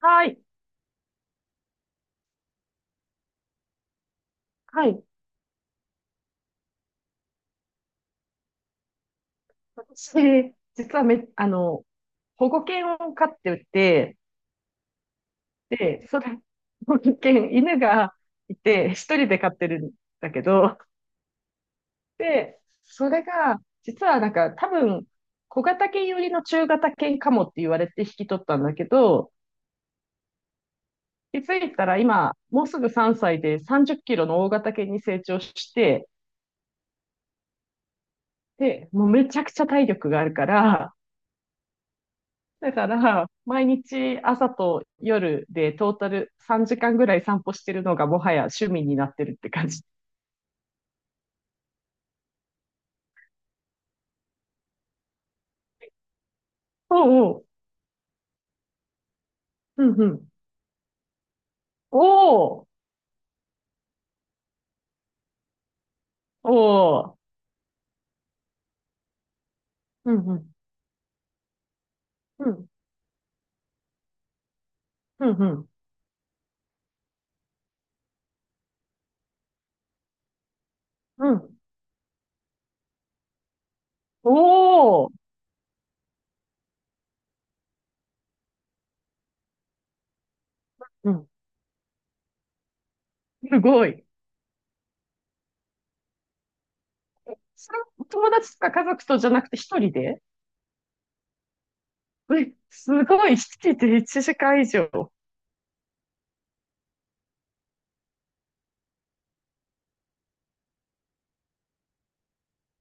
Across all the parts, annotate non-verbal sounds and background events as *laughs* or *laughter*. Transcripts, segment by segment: はい。はい。私、実はめ、あの、保護犬を飼ってて、で、それ、保護犬、犬がいて、一人で飼ってるんだけど、で、それが、実はなんか、多分、小型犬寄りの中型犬かもって言われて引き取ったんだけど、気づいたら今、もうすぐ3歳で30キロの大型犬に成長して、で、もうめちゃくちゃ体力があるから、だから、毎日朝と夜でトータル3時間ぐらい散歩してるのがもはや趣味になってるって感じ。おうおう。うんうん。おお。おお。うんうん。うん。うんうん。うん。おお。うん。すごい。それ、友達とか家族とじゃなくて一人でえ、すごい。一人で1時間以上。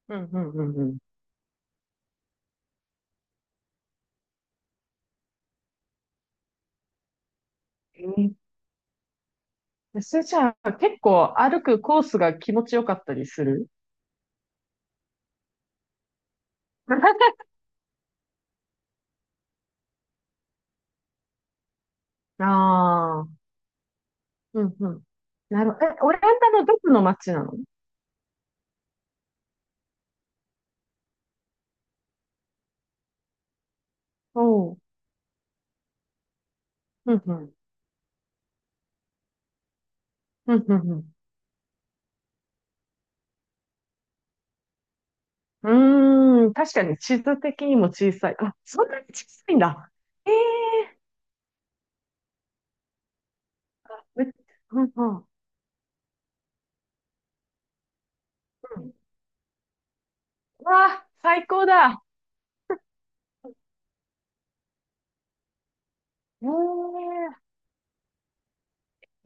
うんうんうんうん。それじゃあ結構歩くコースが気持ちよかったりする？ *laughs* あうんうん。なるほど。え、オランダのどこの町なの？おう。うんうん。うんうんうん。うーん。確かに地図的にも小さい。あ、そんなに小さいんだ。ええーうんうん。うんうわあ、最高だ。ええー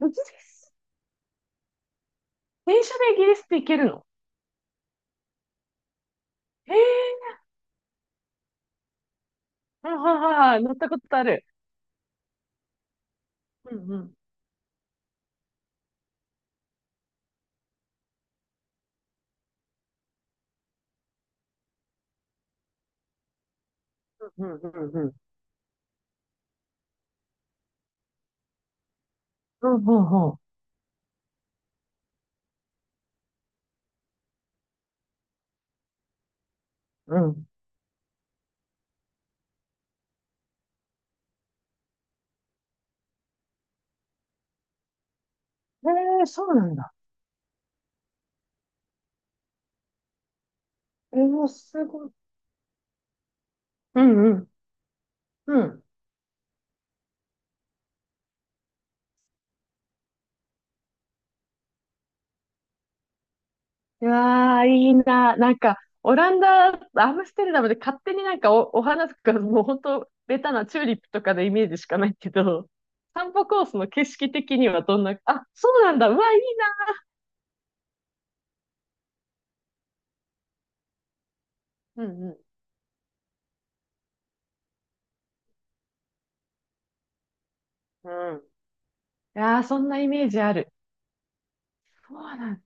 イギリス。電車でイギリスって行けるの？ええーうんはいはいはい乗ったことある。うんうん。うんうんうんうん。うんうんうん。うん。ええーそうなんだ。ええーすごい。うんうん。うん。うわー、いいな。なんか、オランダ、アムステルダムで勝手になんかお花とか、もう本当、ベタなチューリップとかのイメージしかないけど、散歩コースの景色的にはどんな、あ、そうなんだ。うわ、いいな。うんうん。うん。いやー、そんなイメージある。そうなんだ。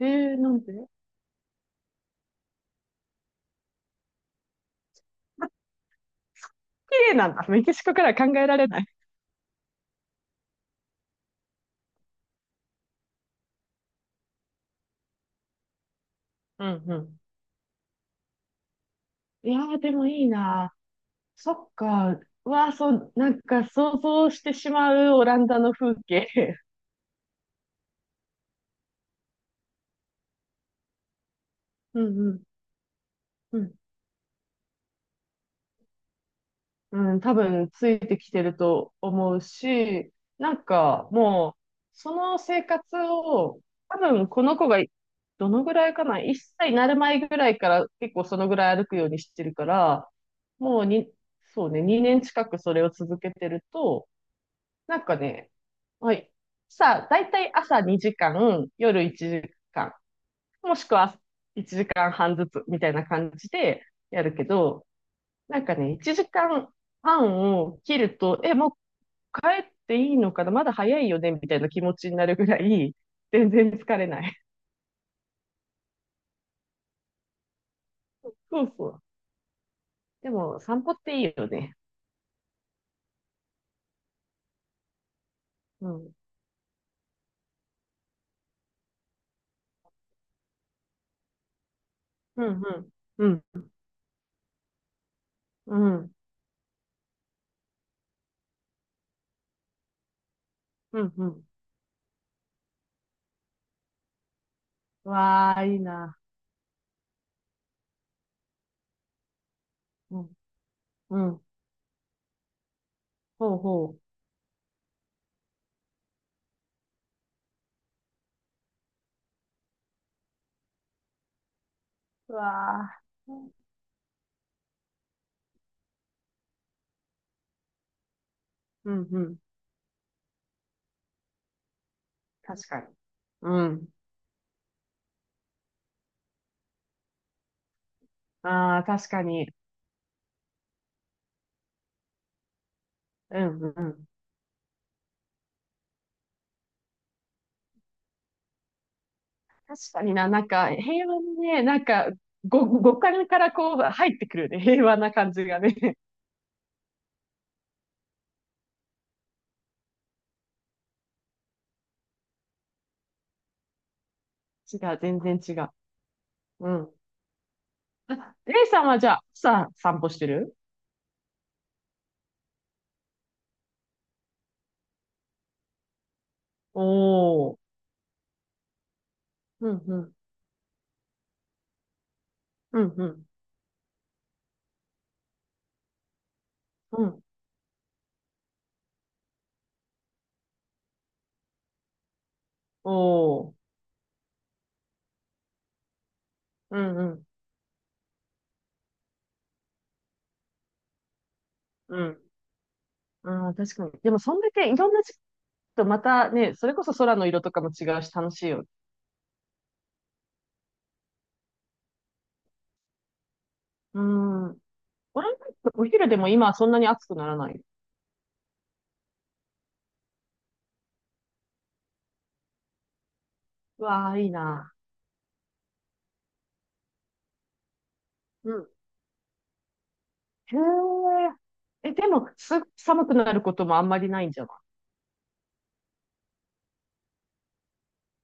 えなんで？綺麗なんだ。メキシコからは考えられない。うんうん。いやー、でもいいな。そっか。うわー、そう、なんか想像してしまうオランダの風景。*laughs* うんうん。うんうん、多分ついてきてると思うし、なんかもう、その生活を、多分この子がどのぐらいかな、1歳になる前ぐらいから結構そのぐらい歩くようにしてるから、もうに、そうね、2年近くそれを続けてると、なんかね、はい。さあ、だいたい朝2時間、夜1時間、もしくは1時間半ずつみたいな感じでやるけど、なんかね、1時間半を切ると、え、もう帰っていいのかなまだ早いよねみたいな気持ちになるぐらい、全然疲れない。*laughs* そうそう。でも、散歩っていいよね。うん。うん、うん。うん、うん。うん、うん。うわあ、いいな。うん、うん。ほうほう。うわあ。うん、うん。確かに。うん。ああ、確かに。うん、うん。確かにな、なんか平和にね、なんか五感からこう入ってくるね、平和な感じがね。*laughs* 違う、全然違う。うん。あ、レイさんはじゃあ、散歩してる？おー。うん、うん、うん、うん、うん。おー。うん、うん、うん。ああ、確かに。でも、そんだけいろんな時期とまたね、それこそ空の色とかも違うし、楽しいよ。うん。俺、お昼でも今はそんなに暑くならない。うわあ、いいな。へえ。え、でも、寒くなることもあんまりないんじゃない？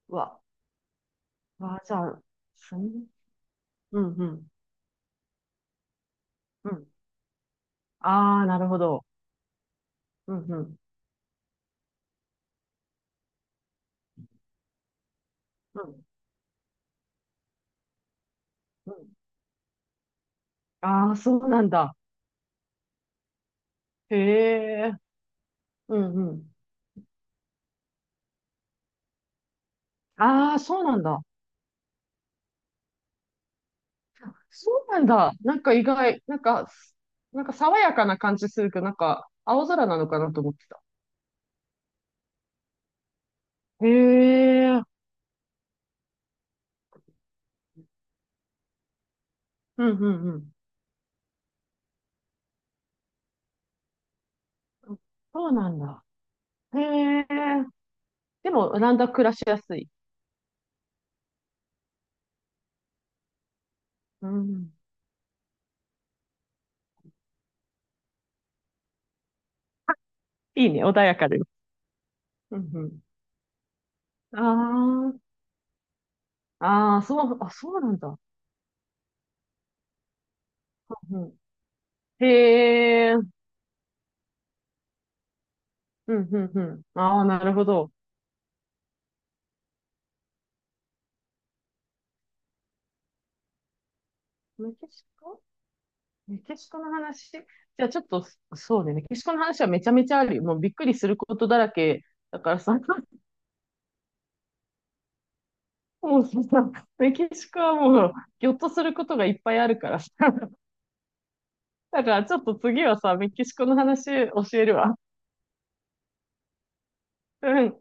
うわ、うわ、じゃあ、すん、うん、うん、うん。ああ、なるほど。うん、うん、うん、うん。ああ、そうなんだ。へえ。うん、うん。ああ、そうなんだ。そうなんだ。なんか意外、なんか、なんか爽やかな感じするけど、なんか、青空なのかなと思ってた。へえ。うん、うん、うん。そうなんだ。へえ。でも、オランダ暮らしやすい？うん。いいね、穏やかで。うんうん。ああ、ああ、そう、あ、そうなんだ。うんうん、へえ、うん、うん、うん。ああ、なるほど。メキシコメキシコの話じゃあちょっと、そうね、メキシコの話はめちゃめちゃあるよ。もうびっくりすることだらけだからさ、*laughs* もうさ、メキシコはもう、ぎょっとすることがいっぱいあるからさ。だからちょっと次はさ、メキシコの話教えるわ。うん。